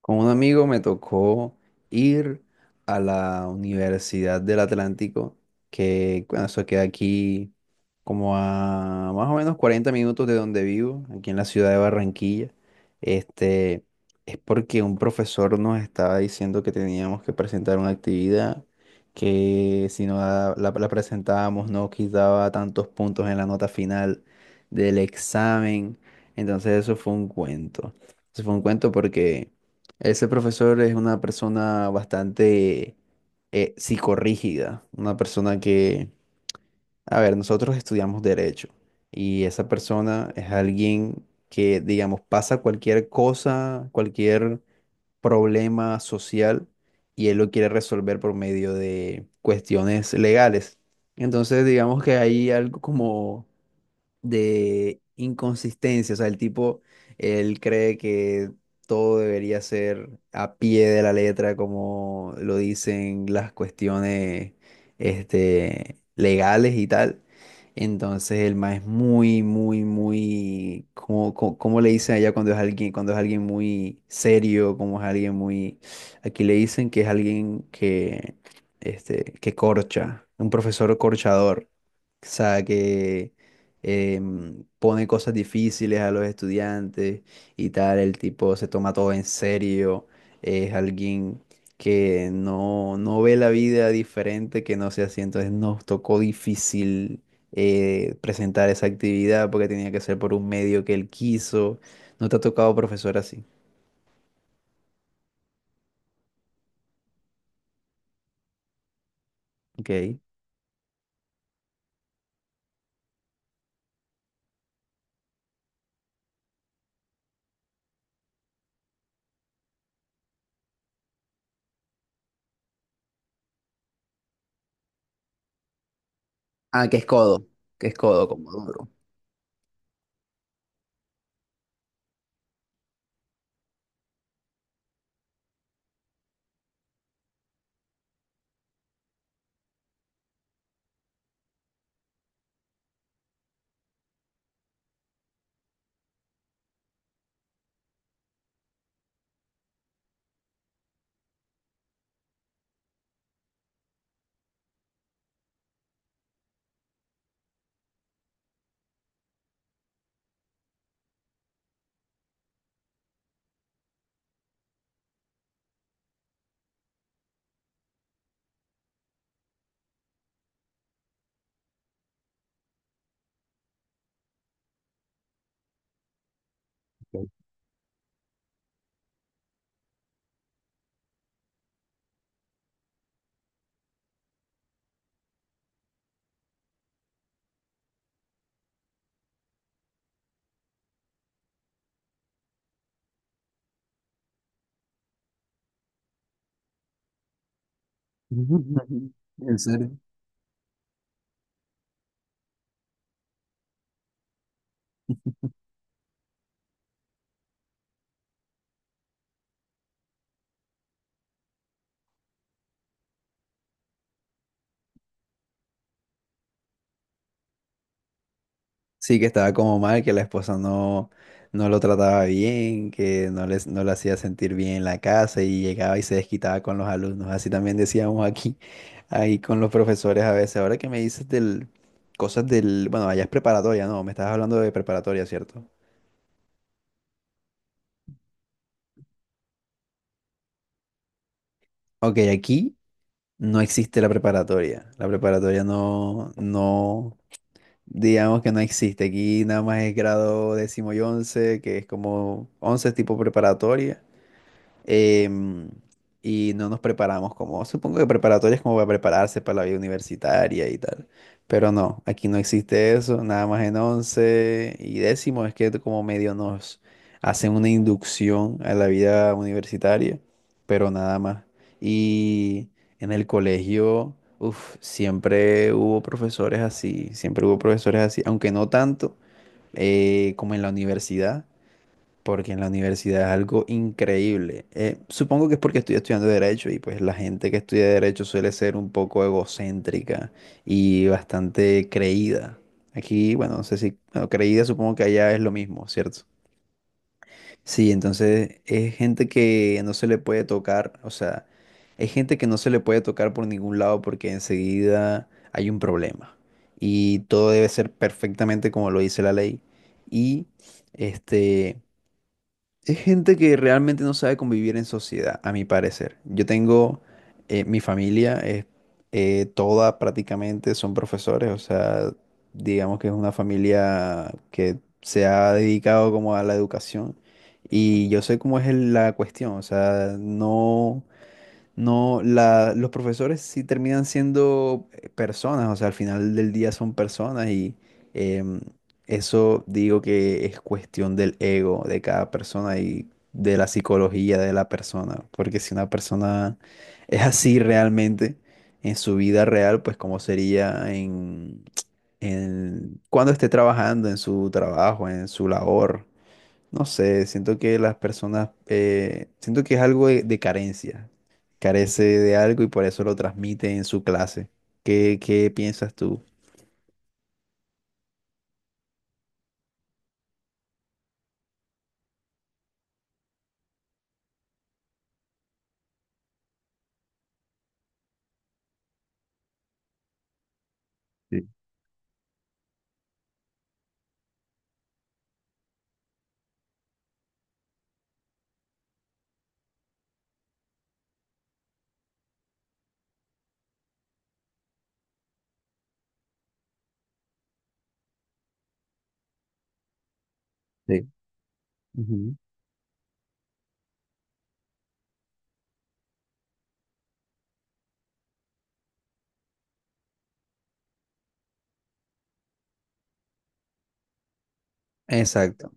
Con un amigo me tocó ir a la Universidad del Atlántico, que bueno, eso queda aquí como a más o menos 40 minutos de donde vivo, aquí en la ciudad de Barranquilla. Este, es porque un profesor nos estaba diciendo que teníamos que presentar una actividad, que si no la presentábamos no quitaba tantos puntos en la nota final del examen. Entonces eso fue un cuento. Eso fue un cuento porque ese profesor es una persona bastante psicorrígida, una persona que, a ver, nosotros estudiamos derecho, y esa persona es alguien que, digamos, pasa cualquier cosa, cualquier problema social, y él lo quiere resolver por medio de cuestiones legales. Entonces, digamos que hay algo como de inconsistencia. O sea, el tipo, él cree que todo debería ser a pie de la letra, como lo dicen las cuestiones, legales y tal. Entonces el man es muy, muy, muy, como, cómo le dicen allá cuando es alguien muy serio, como es alguien muy, aquí le dicen que es alguien que, que corcha, un profesor corchador, o sea, que, pone cosas difíciles a los estudiantes y tal. El tipo se toma todo en serio, es alguien que no, no ve la vida diferente que no sea así. Entonces nos tocó difícil presentar esa actividad porque tenía que ser por un medio que él quiso. ¿No te ha tocado profesor así? Ok. Ah, que es codo, como duro. Ok. ¿En serio? Sí, que estaba como mal, que la esposa no lo trataba bien, que no les, no le hacía sentir bien en la casa y llegaba y se desquitaba con los alumnos. Así también decíamos aquí, ahí con los profesores a veces. Ahora que me dices del, cosas del, bueno, allá es preparatoria, ¿no? Me estabas hablando de preparatoria, ¿cierto? Ok, aquí no existe la preparatoria. La preparatoria no, no, digamos que no existe. Aquí nada más es grado décimo y once, que es como once tipo preparatoria. em, y no nos preparamos como, supongo que preparatoria es como para prepararse para la vida universitaria y tal. Pero no, aquí no existe eso, nada más en once y décimo es que como medio nos hacen una inducción a la vida universitaria, pero nada más. Y en el colegio, uf, siempre hubo profesores así, siempre hubo profesores así, aunque no tanto como en la universidad, porque en la universidad es algo increíble. Supongo que es porque estoy estudiando derecho y pues la gente que estudia derecho suele ser un poco egocéntrica y bastante creída. Aquí, bueno, no sé si, bueno, creída supongo que allá es lo mismo, ¿cierto? Sí, entonces es gente que no se le puede tocar, o sea, es gente que no se le puede tocar por ningún lado porque enseguida hay un problema y todo debe ser perfectamente como lo dice la ley, y este es gente que realmente no sabe convivir en sociedad, a mi parecer. Yo tengo, mi familia es toda, prácticamente son profesores, o sea, digamos que es una familia que se ha dedicado como a la educación, y yo sé cómo es el- la cuestión. O sea, no, no, la, los profesores sí terminan siendo personas. O sea, al final del día son personas, y em, eso digo que es cuestión del ego de cada persona y de la psicología de la persona, porque si una persona es así realmente en su vida real, pues cómo sería en cuando esté trabajando, en su trabajo, en su labor. No sé, siento que las personas, siento que es algo de carencia, carece de algo y por eso lo transmite en su clase. ¿Qué piensas tú? Sí, sí. Ujú. Exacto,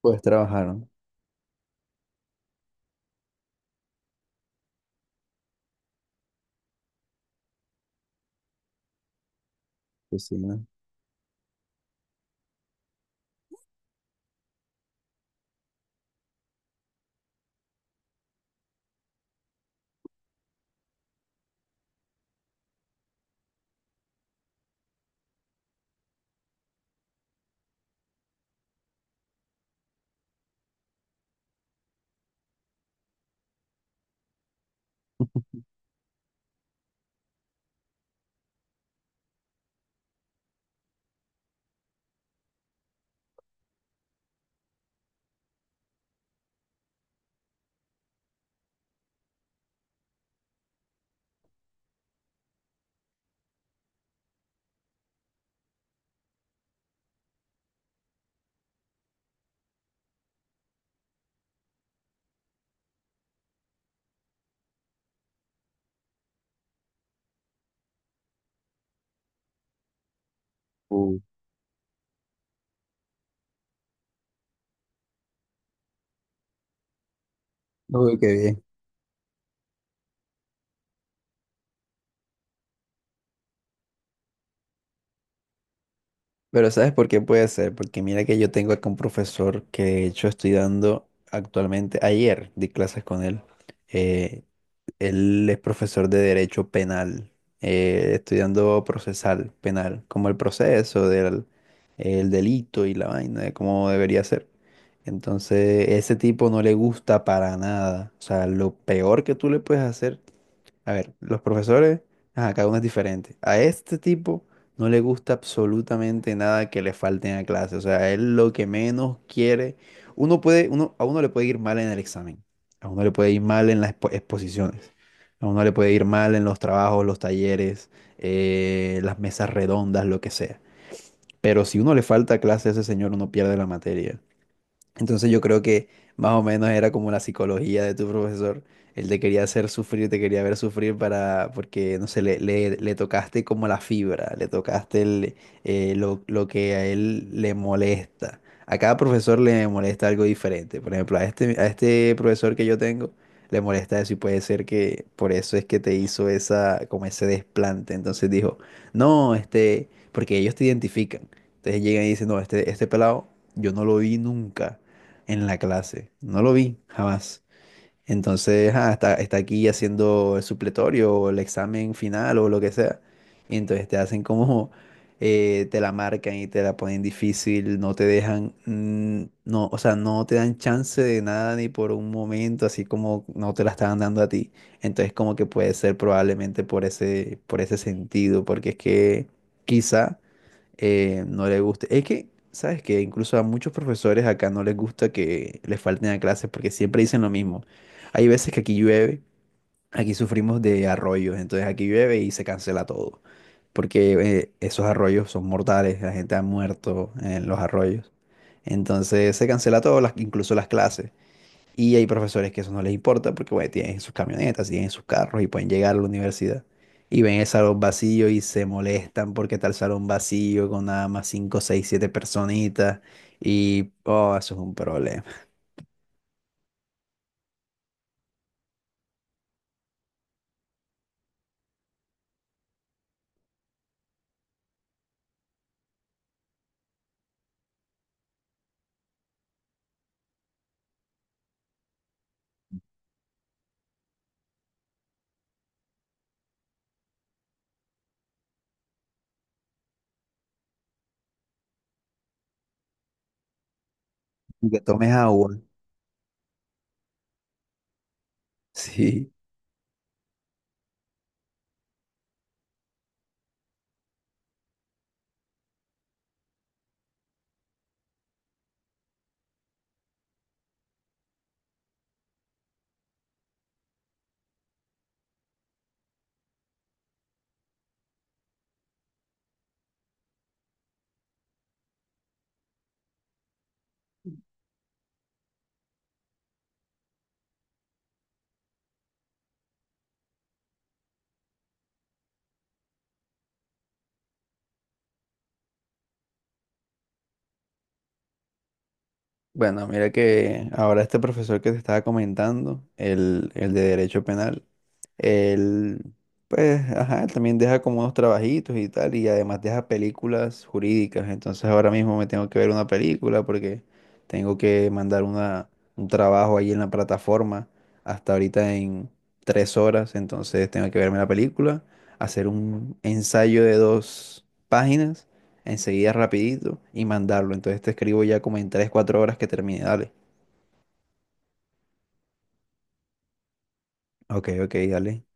puedes trabajar, ¿no? Pues sí, ¿no? Uh, uy, qué bien. Pero ¿sabes por qué puede ser? Porque mira que yo tengo acá un profesor que de hecho estoy dando actualmente, ayer di clases con él. Eh, Él es profesor de Derecho Penal, estudiando procesal penal, como el proceso del el delito y la vaina, de cómo debería ser. Entonces, ese tipo no le gusta para nada. O sea, lo peor que tú le puedes hacer, a ver, los profesores, ajá, cada uno es diferente. A este tipo no le gusta absolutamente nada que le falten a clase. O sea, él lo que menos quiere, uno puede, uno, a uno le puede ir mal en el examen, a uno le puede ir mal en las expo- exposiciones, a uno le puede ir mal en los trabajos, los talleres, las mesas redondas, lo que sea. Pero si uno le falta clase a ese señor, uno pierde la materia. Entonces yo creo que más o menos era como la psicología de tu profesor. Él te quería hacer sufrir, te quería ver sufrir para, porque, no sé, le tocaste como la fibra, le tocaste lo que a él le molesta. A cada profesor le molesta algo diferente. Por ejemplo, a este profesor que yo tengo le molesta eso, y puede ser que por eso es que te hizo esa, como ese desplante. Entonces dijo, no, porque ellos te identifican. Entonces llegan y dicen, no, este pelado yo no lo vi nunca en la clase. No lo vi jamás. Entonces, ah, está aquí haciendo el supletorio o el examen final o lo que sea. Y entonces te hacen como, te la marcan y te la ponen difícil, no te dejan, no, o sea, no te dan chance de nada ni por un momento, así como no te la estaban dando a ti. Entonces, como que puede ser probablemente por ese sentido, porque es que quizá no le guste. Es que, sabes que incluso a muchos profesores acá no les gusta que les falten a clases porque siempre dicen lo mismo. Hay veces que aquí llueve, aquí sufrimos de arroyos, entonces aquí llueve y se cancela todo. Porque esos arroyos son mortales, la gente ha muerto en los arroyos. Entonces se cancela todo, las, incluso las clases. Y hay profesores que eso no les importa porque, bueno, tienen sus camionetas, tienen sus carros y pueden llegar a la universidad. Y ven el salón vacío y se molestan porque está el salón vacío con nada más cinco, seis, 7 personitas. Y, oh, eso es un problema. Y que tomes agua. Sí. Bueno, mira que ahora este profesor que te estaba comentando, el de Derecho Penal, él, pues, ajá, él también deja como unos trabajitos y tal, y además deja películas jurídicas. Entonces ahora mismo me tengo que ver una película porque tengo que mandar un trabajo ahí en la plataforma hasta ahorita en 3 horas. Entonces tengo que verme la película, hacer un ensayo de 2 páginas enseguida rapidito y mandarlo. Entonces te escribo ya como en 3 4 horas que termine. Dale. Ok, ok, dale.